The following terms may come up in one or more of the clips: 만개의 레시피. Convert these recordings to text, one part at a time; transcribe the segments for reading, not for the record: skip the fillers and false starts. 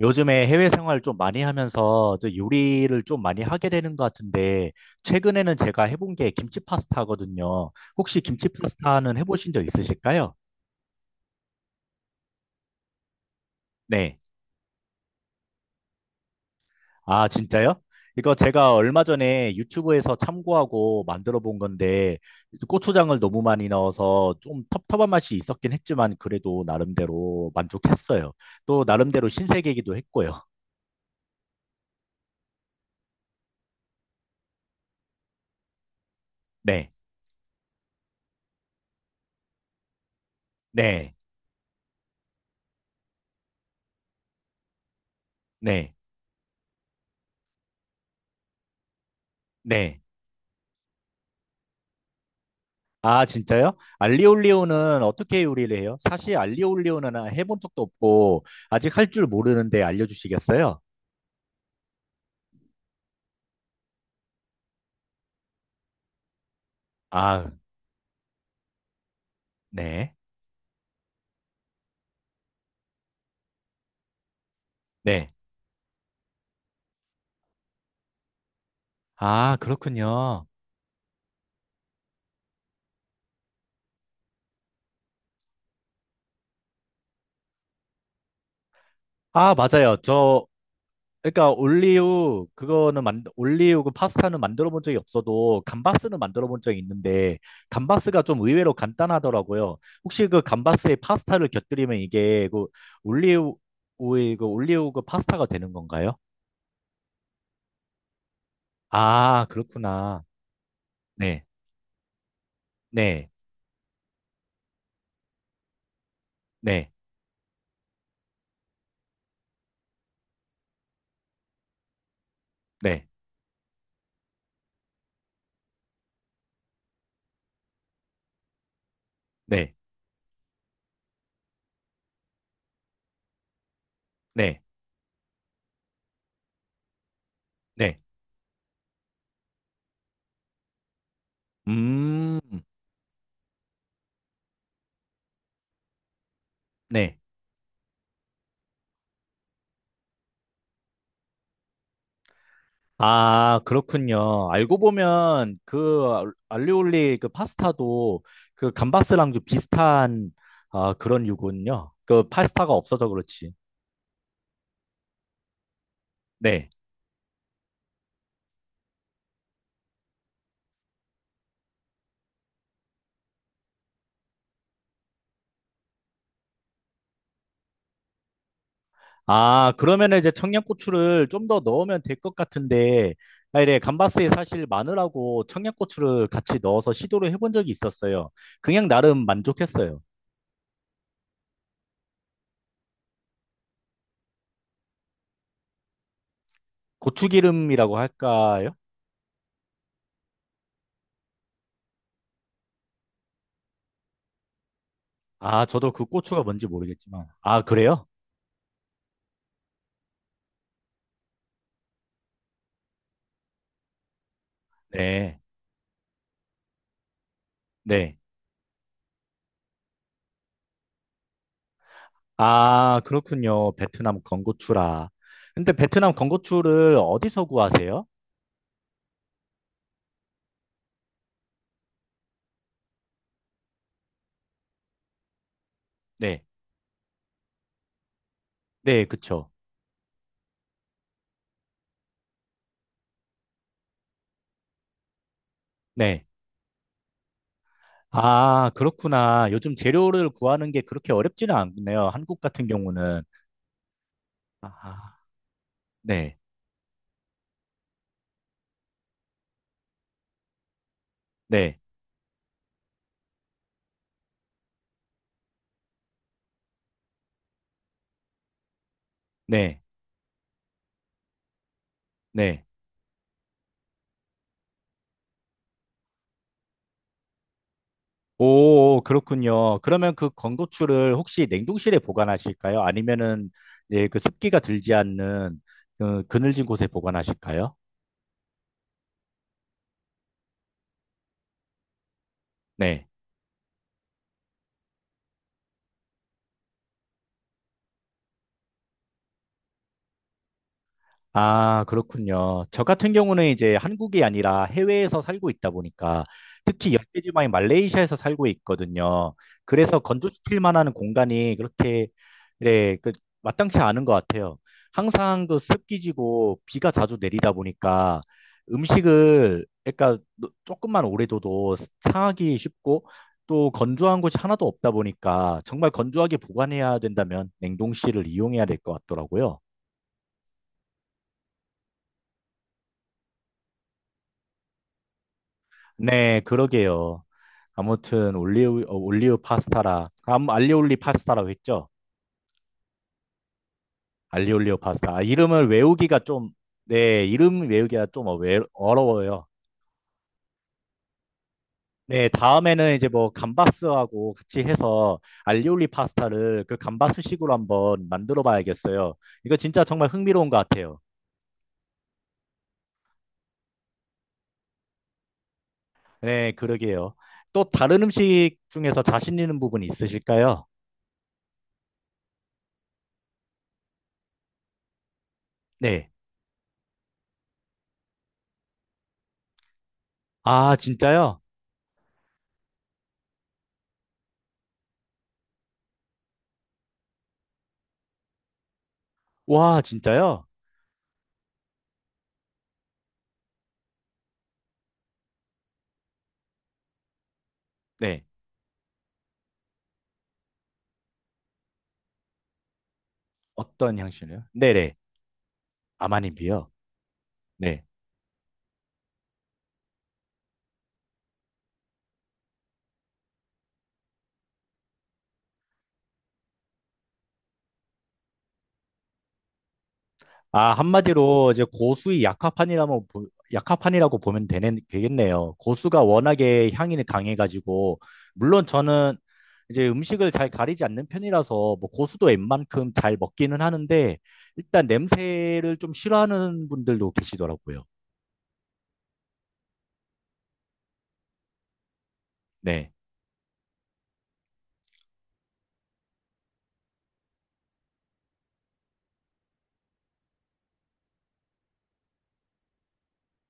요즘에 해외 생활 좀 많이 하면서 저 요리를 좀 많이 하게 되는 것 같은데, 최근에는 제가 해본 게 김치 파스타거든요. 혹시 김치 파스타는 해보신 적 있으실까요? 네. 아, 진짜요? 이거 제가 얼마 전에 유튜브에서 참고하고 만들어 본 건데, 고추장을 너무 많이 넣어서 좀 텁텁한 맛이 있었긴 했지만, 그래도 나름대로 만족했어요. 또 나름대로 신세계이기도 했고요. 네. 네. 네. 네. 아, 진짜요? 알리올리오는 어떻게 요리를 해요? 사실 알리올리오는 해본 적도 없고 아직 할 줄 모르는데 알려주시겠어요? 아, 네. 네. 아, 그렇군요. 아, 맞아요. 저 그러니까 올리오 그거는 만 올리오 그 파스타는 만들어 본 적이 없어도 감바스는 만들어 본 적이 있는데 감바스가 좀 의외로 간단하더라고요. 혹시 그 감바스에 파스타를 곁들이면 이게 그 올리오의 그 올리오 그 파스타가 되는 건가요? 아, 그렇구나. 네, 네, 네, 네, 네, 네, 네. 음, 네. 아, 그렇군요. 알고 보면 그 리올리 그 파스타도 그 감바스랑 좀 비슷한 아, 그런 유군요. 그 파스타가 없어서 그렇지. 네. 아, 그러면 이제 청양고추를 좀 더 넣으면 될 것 같은데, 아, 이래 감바스에 사실 마늘하고 청양고추를 같이 넣어서 시도를 해본 적이 있었어요. 그냥 나름 만족했어요. 고추기름이라고 할까요? 아, 저도 그 고추가 뭔지 모르겠지만. 아, 그래요? 네. 네. 아, 그렇군요. 베트남 건고추라. 근데 베트남 건고추를 어디서 구하세요? 네. 네, 그쵸. 네. 아, 그렇구나. 요즘 재료를 구하는 게 그렇게 어렵지는 않네요. 한국 같은 경우는. 아, 네. 네. 네. 네. 오, 그렇군요. 그러면 그 건고추를 혹시 냉동실에 보관하실까요? 아니면은 예, 그 습기가 들지 않는 그 그늘진 곳에 보관하실까요? 네. 아, 그렇군요. 저 같은 경우는 이제 한국이 아니라 해외에서 살고 있다 보니까 특히 열대 지방인 말레이시아에서 살고 있거든요. 그래서 건조시킬 만한 공간이 그렇게 네, 그 마땅치 않은 것 같아요. 항상 그 습기지고 비가 자주 내리다 보니까 음식을 그러니까 조금만 오래 둬도 상하기 쉽고 또 건조한 곳이 하나도 없다 보니까 정말 건조하게 보관해야 된다면 냉동실을 이용해야 될 것 같더라고요. 네, 그러게요. 아무튼 올리오 올리오 파스타라 암 알리올리 파스타라고 했죠? 알리올리오 파스타. 아, 이름을 외우기가 좀 네, 이름 외우기가 좀 어려워요. 네, 다음에는 이제 뭐 감바스하고 같이 해서 알리올리 파스타를 그 감바스식으로 한번 만들어 봐야겠어요. 이거 진짜 정말 흥미로운 것 같아요. 네, 그러게요. 또 다른 음식 중에서 자신 있는 부분이 있으실까요? 네. 아, 진짜요? 와, 진짜요? 네. 어떤 향신료요? 네네. 아마님비요. 네. 아, 한마디로 이제 고수의 약화판이라면 약화판이라고 보면 되네, 되겠네요. 고수가 워낙에 향이 강해가지고 물론 저는 이제 음식을 잘 가리지 않는 편이라서 뭐 고수도 웬만큼 잘 먹기는 하는데 일단 냄새를 좀 싫어하는 분들도 계시더라고요. 네,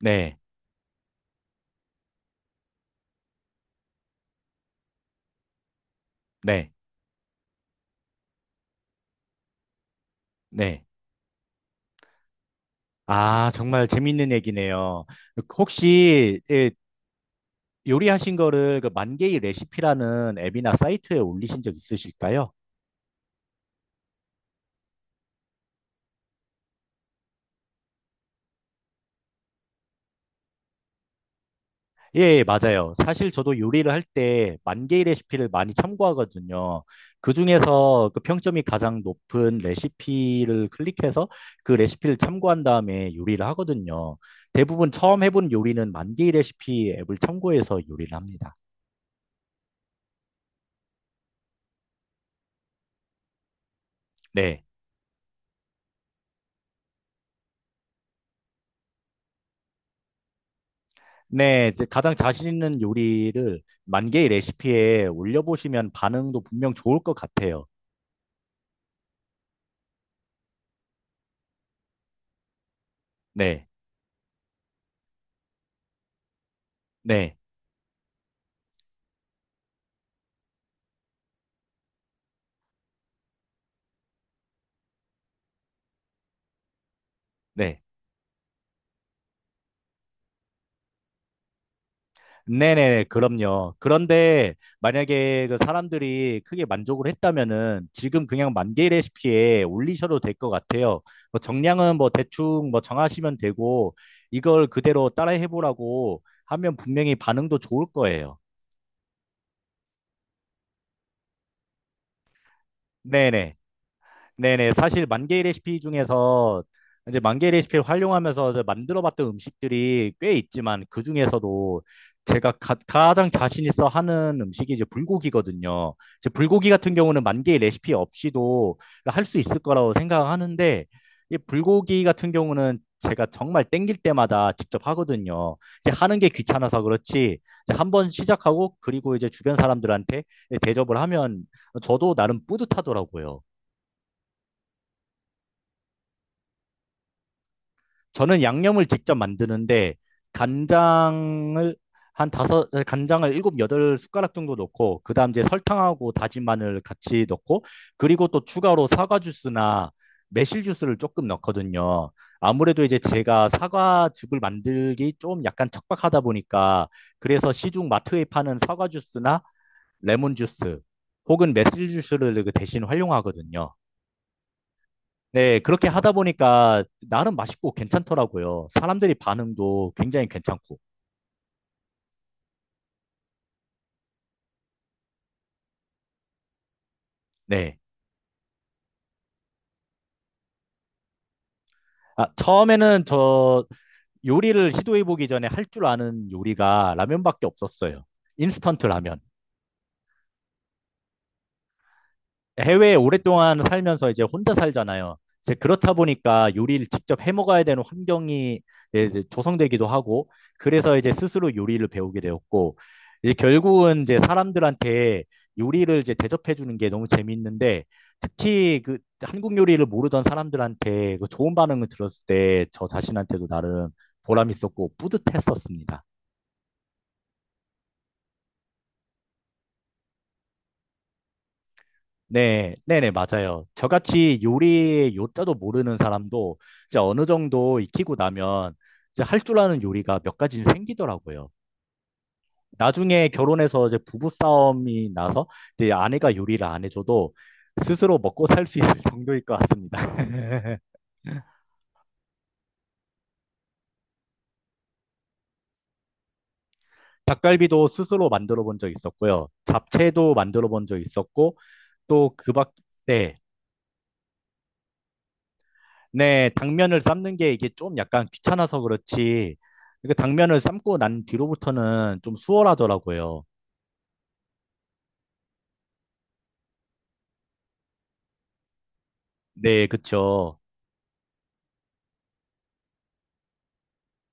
네, 네, 네. 아, 정말 재밌는 얘기네요. 혹시 예, 요리하신 거를 그 만개의 레시피라는 앱이나 사이트에 올리신 적 있으실까요? 예, 예, 맞아요. 사실 저도 요리를 할 때 만개의 레시피를 많이 참고하거든요. 그 중에서 그 평점이 가장 높은 레시피를 클릭해서 그 레시피를 참고한 다음에 요리를 하거든요. 대부분 처음 해본 요리는 만개의 레시피 앱을 참고해서 요리를 합니다. 네. 네, 이제 가장 자신 있는 요리를 만개의 레시피에 올려보시면 반응도 분명 좋을 것 같아요. 네, 네. 네. 네네, 그럼요. 그런데 만약에 그 사람들이 크게 만족을 했다면은 지금 그냥 만개 레시피에 올리셔도 될 것 같아요. 뭐 정량은 뭐 대충 뭐 정하시면 되고 이걸 그대로 따라 해보라고 하면 분명히 반응도 좋을 거예요. 네네. 네네. 사실 만 개의 레시피 중에서 이제 만 개의 레시피를 활용하면서 이제 만들어봤던 음식들이 꽤 있지만 그 중에서도 제가 가장 자신 있어 하는 음식이 이제 불고기거든요. 이제 불고기 같은 경우는 만 개의 레시피 없이도 할 수 있을 거라고 생각하는데 이 불고기 같은 경우는 제가 정말 땡길 때마다 직접 하거든요. 이제 하는 게 귀찮아서 그렇지 이제 한번 시작하고 그리고 이제 주변 사람들한테 대접을 하면 저도 나름 뿌듯하더라고요. 저는 양념을 직접 만드는데 간장을 한 다섯 간장을 일곱 여덟 숟가락 정도 넣고 그다음 이제 설탕하고 다진 마늘 같이 넣고 그리고 또 추가로 사과 주스나 매실 주스를 조금 넣거든요. 아무래도 이제 제가 사과즙을 만들기 좀 약간 척박하다 보니까 그래서 시중 마트에 파는 사과 주스나 레몬 주스 혹은 매실 주스를 그 대신 활용하거든요. 네, 그렇게 하다 보니까 나름 맛있고 괜찮더라고요. 사람들이 반응도 굉장히 괜찮고. 네. 아, 처음에는 저 요리를 시도해보기 전에 할 줄 아는 요리가 라면밖에 없었어요. 인스턴트 라면. 해외에 오랫동안 살면서 이제 혼자 살잖아요. 이제 그렇다 보니까 요리를 직접 해 먹어야 되는 환경이 이제 조성되기도 하고, 그래서 이제 스스로 요리를 배우게 되었고, 이제 결국은 이제 사람들한테 요리를 이제 대접해 주는 게 너무 재밌는데, 특히 그 한국 요리를 모르던 사람들한테 그 좋은 반응을 들었을 때 저 자신한테도 나름 보람 있었고 뿌듯했었습니다. 네, 네네, 맞아요. 저같이 요리의 요자도 모르는 사람도 이제 어느 정도 익히고 나면 이제 할 줄 아는 요리가 몇 가지는 생기더라고요. 나중에 결혼해서 이제 부부싸움이 나서 이제 아내가 요리를 안 해줘도 스스로 먹고 살 수 있을 정도일 것 같습니다. 닭갈비도 스스로 만들어 본 적 있었고요. 잡채도 만들어 본 적 있었고, 또 그 밖, 네. 네, 당면을 삶는 게 이게 좀 약간 귀찮아서 그렇지. 그 당면을 삶고 난 뒤로부터는 좀 수월하더라고요. 네, 그쵸.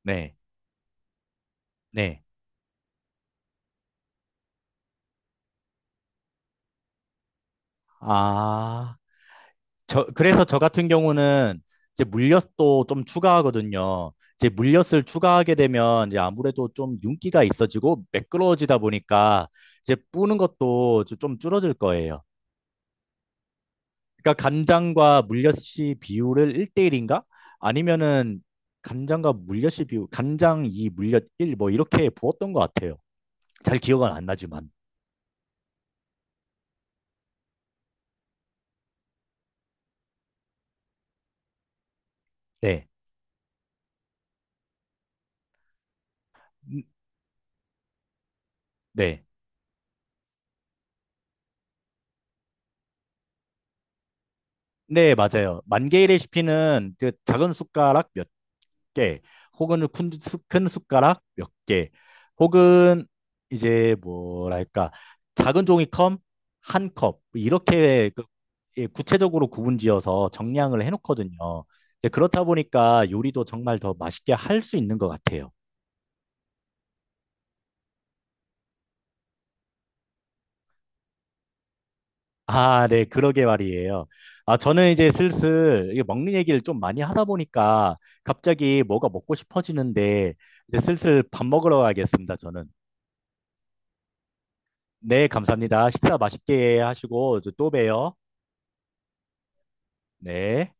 네, 네. 아, 저, 그래서 저 같은 경우는 이제 물엿도 좀 추가하거든요. 이제 물엿을 추가하게 되면 이제 아무래도 좀 윤기가 있어지고 매끄러워지다 보니까 이제 뿌는 것도 좀 줄어들 거예요. 그러니까 간장과 물엿이 비율을 1대1인가? 아니면은 간장과 물엿이 비율, 간장 2, 물엿 1, 뭐 이렇게 부었던 것 같아요. 잘 기억은 안 나지만. 네. 음, 네. 네, 맞아요. 만 개의 레시피는 그 작은 숟가락 몇 개, 혹은 큰, 큰 숟가락 몇 개, 혹은 이제 뭐랄까, 작은 종이컵 한 컵, 이렇게 그- 예, 구체적으로 구분지어서 정량을 해놓거든요. 이제 그렇다 보니까 요리도 정말 더 맛있게 할 수 있는 것 같아요. 아, 네, 그러게 말이에요. 아, 저는 이제 슬슬 이게 먹는 얘기를 좀 많이 하다 보니까 갑자기 뭐가 먹고 싶어지는데 이제 슬슬 밥 먹으러 가겠습니다, 저는. 네, 감사합니다. 식사 맛있게 하시고 저또 봬요. 네.